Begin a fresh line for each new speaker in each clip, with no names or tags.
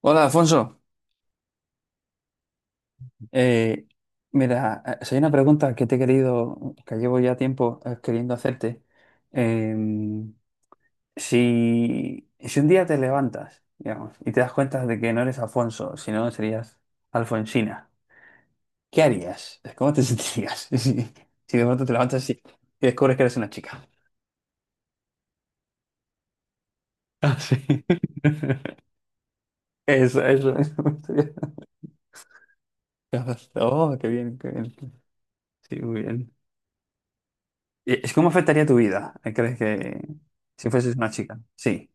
Hola, Alfonso. Eh, Mira, si hay una pregunta que te he querido, que llevo ya tiempo queriendo hacerte. Em, si un día te levantas, digamos, y te das cuenta de que no eres Alfonso, sino serías Alfonsina, ¿qué harías? ¿Cómo te sentirías si de pronto te levantas y descubres que eres una chica? Ah, sí. Eso, eso, eso. Oh, qué bien, qué bien. Sí, muy bien. ¿Cómo afectaría tu vida? ¿Crees que si fueses una chica? Sí.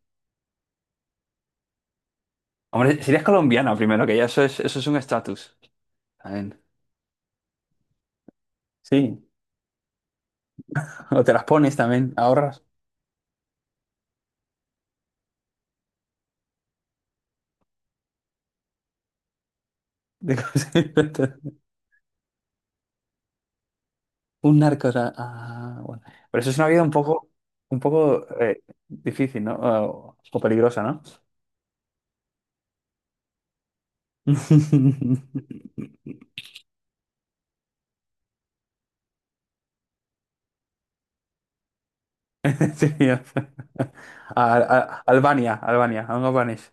Hombre, serías colombiana primero, que ya eso es un estatus. También. Sí. O te las pones también, ahorras. De cosas. Un narco. O sea, ah, bueno. Pero eso es una vida un poco difícil, ¿no? O peligrosa, ¿no? Sí, o sea, Albania, un albanés.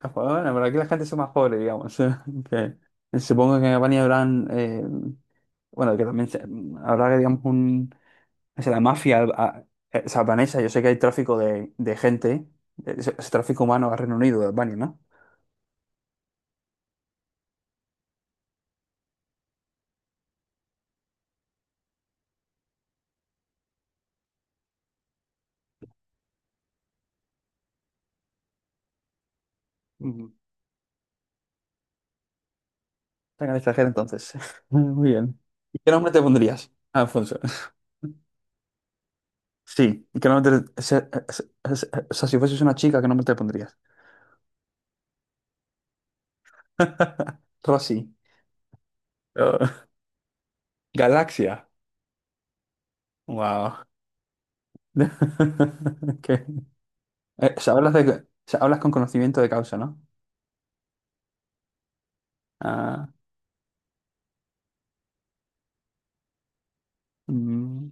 Ah, bueno, pero aquí la gente es más pobre, digamos. Que, supongo que en Albania habrán, bueno, que también habrá, digamos, o sea, la mafia o sea, albanesa. Yo sé que hay tráfico de gente, es tráfico humano al Reino Unido, de Albania, ¿no? Ujú. Está en el extranjero, entonces. Muy bien. ¿Y qué nombre te pondrías, Alfonso? Sí, ¿y qué nombre o sea, si fueses una chica, ¿qué nombre te pondrías? Rosy. Oh, Galaxia. Wow. Ok. O sea, hablas o sea, hablas con conocimiento de causa, ¿no? Ah, mm,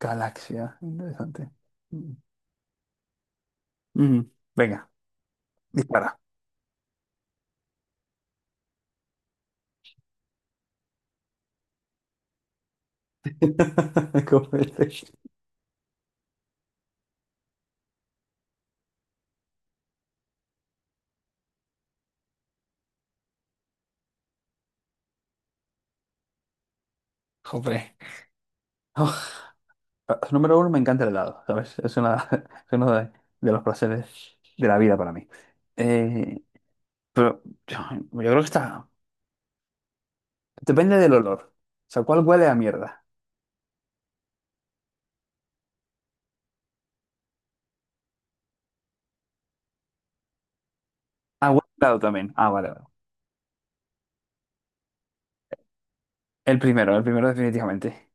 galaxia, interesante. Mm, mm, Venga, dispara. ¿Cómo es? Joder. Oh, número uno, me encanta el helado, ¿sabes? Es una, es uno de los placeres de la vida para mí. Eh, pero yo, yo creo que está... Depende del olor. O sea, ¿cuál huele a mierda? Ah, huele a helado también. Ah, vale, vale. El primero definitivamente.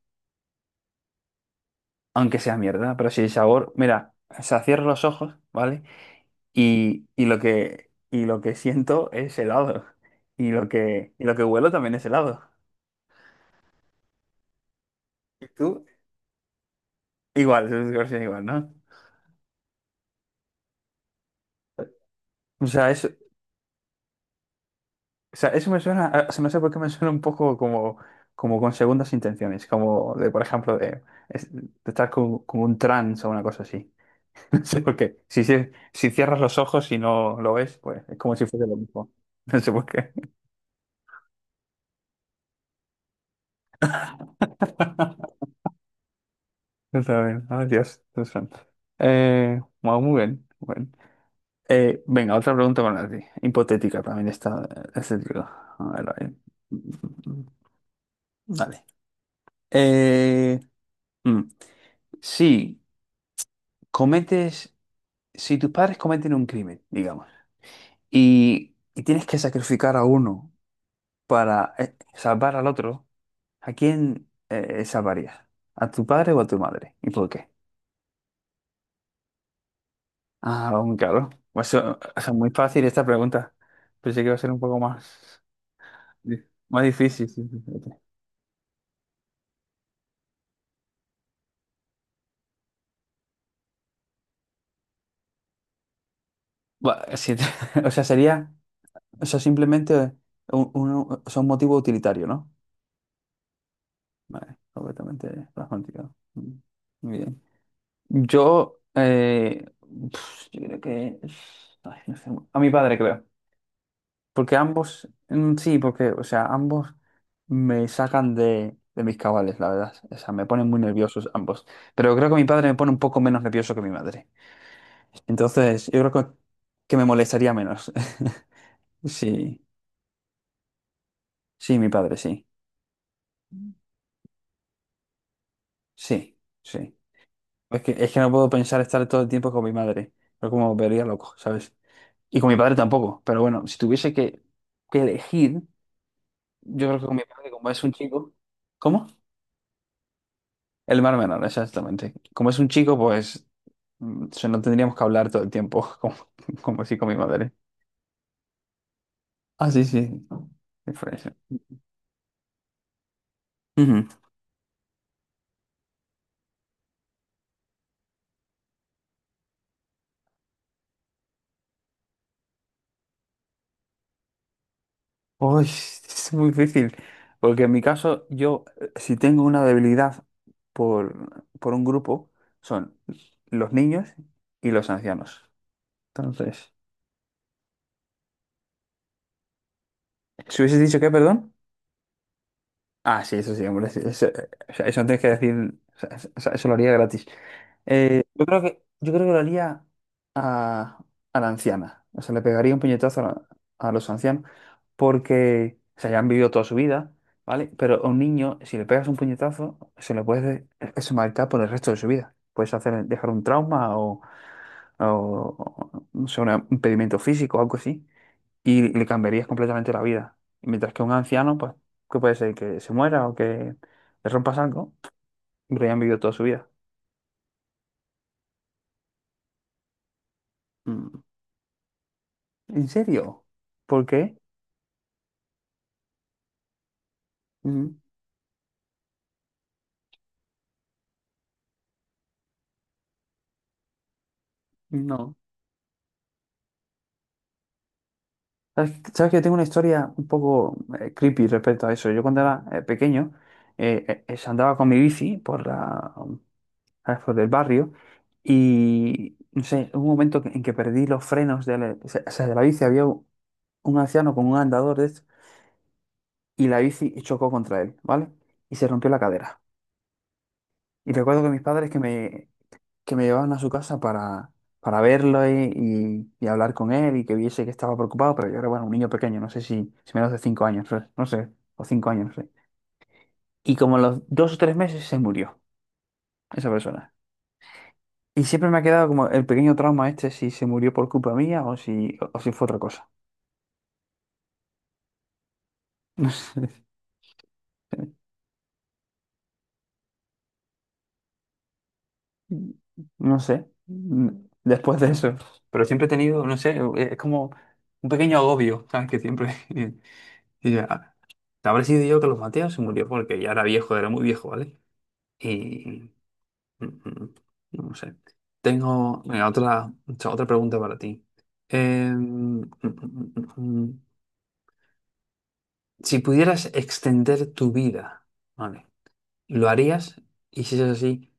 Aunque sea mierda, pero si el sabor, mira, o sea, cierro los ojos, ¿vale? Y lo que siento es helado. Y lo que huelo también es helado. ¿Y tú? Igual, es versión igual, ¿no? O sea, eso, o sea, eso me suena, o sea, no sé por qué me suena un poco como con segundas intenciones, como de, por ejemplo, de estar como un trance o una cosa así. No sé por qué. Si cierras los ojos y no lo ves, pues es como si fuese lo mismo. No sé por qué. Yo también. Ay, Dios, Dios santo. Wow, muy bien. Muy bien. Venga, otra pregunta para ti. Hipotética también está. Este tipo. A ver, a ver. Dale. Eh, mm, si cometes, si tus padres cometen un crimen, digamos, y tienes que sacrificar a uno para salvar al otro, ¿a quién salvarías? ¿A tu padre o a tu madre? ¿Y por qué? Ah, aún claro. Pues eso es muy fácil esta pregunta. Pensé que iba a ser un poco más difícil. Sí, sí, sí. Bueno, sí, o sea, sería, o sea, simplemente o sea, un motivo utilitario, ¿no? Vale, completamente pragmático. Muy bien. Yo, eh, yo creo que, ay, no sé, a mi padre creo. Porque ambos, sí, porque, o sea, ambos me sacan de mis cabales, la verdad. O sea, me ponen muy nerviosos ambos. Pero creo que mi padre me pone un poco menos nervioso que mi madre. Entonces, yo creo que me molestaría menos. Sí, sí, mi padre, sí. Sí, sí. Es que no puedo pensar estar todo el tiempo con mi madre. Pero como me vería loco, ¿sabes? Y con mi padre tampoco. Pero bueno, si tuviese que elegir, yo creo que con mi padre, como es un chico. ¿Cómo? El mar menor, exactamente. Como es un chico, pues no tendríamos que hablar todo el tiempo, como así con mi madre. Ah, sí, sí. Diferencia. Ujú. Uy, es muy difícil, porque en mi caso, si tengo una debilidad por un grupo, son los niños y los ancianos. Entonces, ¿si hubieses dicho qué? Perdón. Ah, sí, eso sí, hombre. Sí, eso, o sea, eso no tienes que decir. O sea, eso, o sea, eso lo haría gratis. Yo creo que lo haría a, a la anciana. O sea, le pegaría un puñetazo a los ancianos porque, o sea, ya han vivido toda su vida, ¿vale? Pero a un niño, si le pegas un puñetazo, se le puede eso marcar por el resto de su vida. Puedes hacer, dejar un trauma o, no sé, un impedimento físico o algo así y le cambiarías completamente la vida. Mientras que un anciano, pues, ¿qué puede ser? Que se muera o que le rompa algo, pero ya han vivido toda su vida. Mm. ¿En serio? ¿Por qué? Mm. No. ¿Sabes que yo tengo una historia un poco creepy respecto a eso? Yo cuando era pequeño andaba con mi bici ¿sabes? Por el barrio y, no sé, hubo un momento en que perdí los frenos o sea, de la bici. Había un anciano con un andador de estos y la bici chocó contra él, ¿vale? Y se rompió la cadera. Y recuerdo que mis padres que me llevaban a su casa para verlo y hablar con él y que viese que estaba preocupado, pero yo era, bueno, un niño pequeño, no sé si menos de 5 años, no sé, o 5 años, no sé. Y como a los 2 o 3 meses se murió esa persona. Y siempre me ha quedado como el pequeño trauma este, si se murió por culpa mía o si fue otra cosa. No sé. No sé, después de eso. Pero siempre he tenido, no sé, es como un pequeño agobio, ¿sabes? Que siempre... Y ya, habré sido yo que los Mateos se murió porque ya era viejo, era muy viejo, ¿vale? Y... mm, mm, No sé. Tengo venga, otra pregunta para ti. Eh, mm, mm, mm, mm, mm, mm. Si pudieras extender tu vida, ¿vale? ¿Lo harías? Y si es así,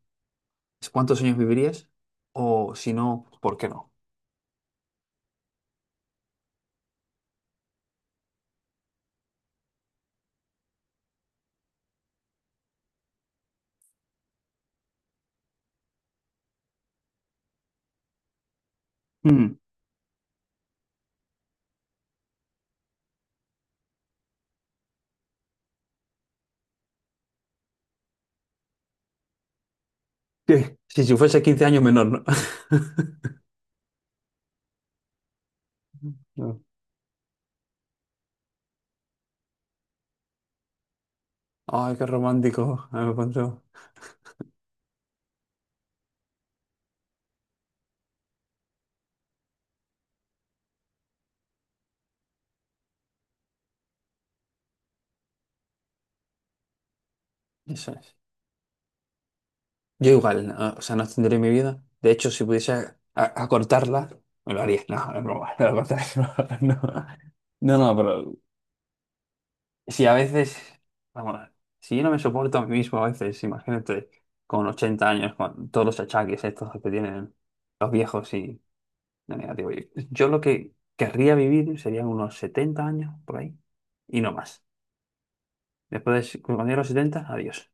¿cuántos años vivirías? O si no, ¿por qué no? Sí, sí, si fuese 15 años menor, ¿no? No. Ay, qué romántico. Ah, me cuento. Eso es. Yo igual, no, o sea, no extendería mi vida. De hecho, si pudiese acortarla, me lo haría. No, no es broma, no lo acortaré. No, no, no, no, pero si a veces, vamos, si yo no me soporto a mí mismo a veces, imagínate, con 80 años, con todos los achaques estos que tienen los viejos y... No, mira, digo, yo lo que querría vivir serían unos 70 años por ahí y no más. Después de cuando llegue a los 70, adiós.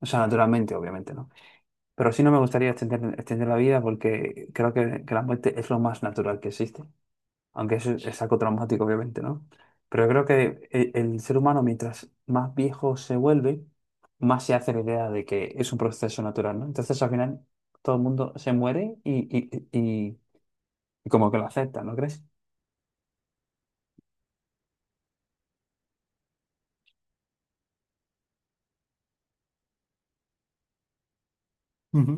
O sea, naturalmente, obviamente, ¿no? Pero sí no me gustaría extender la vida porque creo que la muerte es lo más natural que existe. Aunque eso es algo traumático, obviamente, ¿no? Pero yo creo que el ser humano, mientras más viejo se vuelve, más se hace la idea de que es un proceso natural, ¿no? Entonces, al final, todo el mundo se muere y como que lo acepta, ¿no crees? Ujú.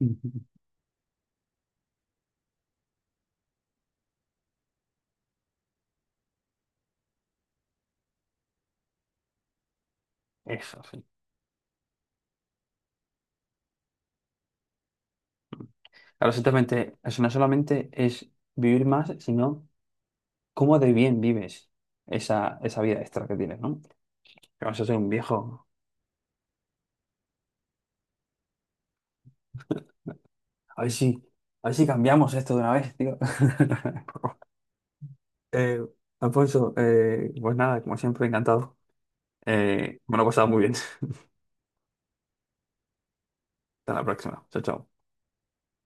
Ujú. Eso, sí. Claro, exactamente. Eso no solamente es vivir más, sino cómo de bien vives esa vida extra que tienes, ¿no? Que vas a ser un viejo. A ver si, a ver si cambiamos esto de una vez, tío. Eh, Alfonso, pues nada, como siempre, encantado. Me lo he pasado muy bien. Hasta la próxima. Chao, chao.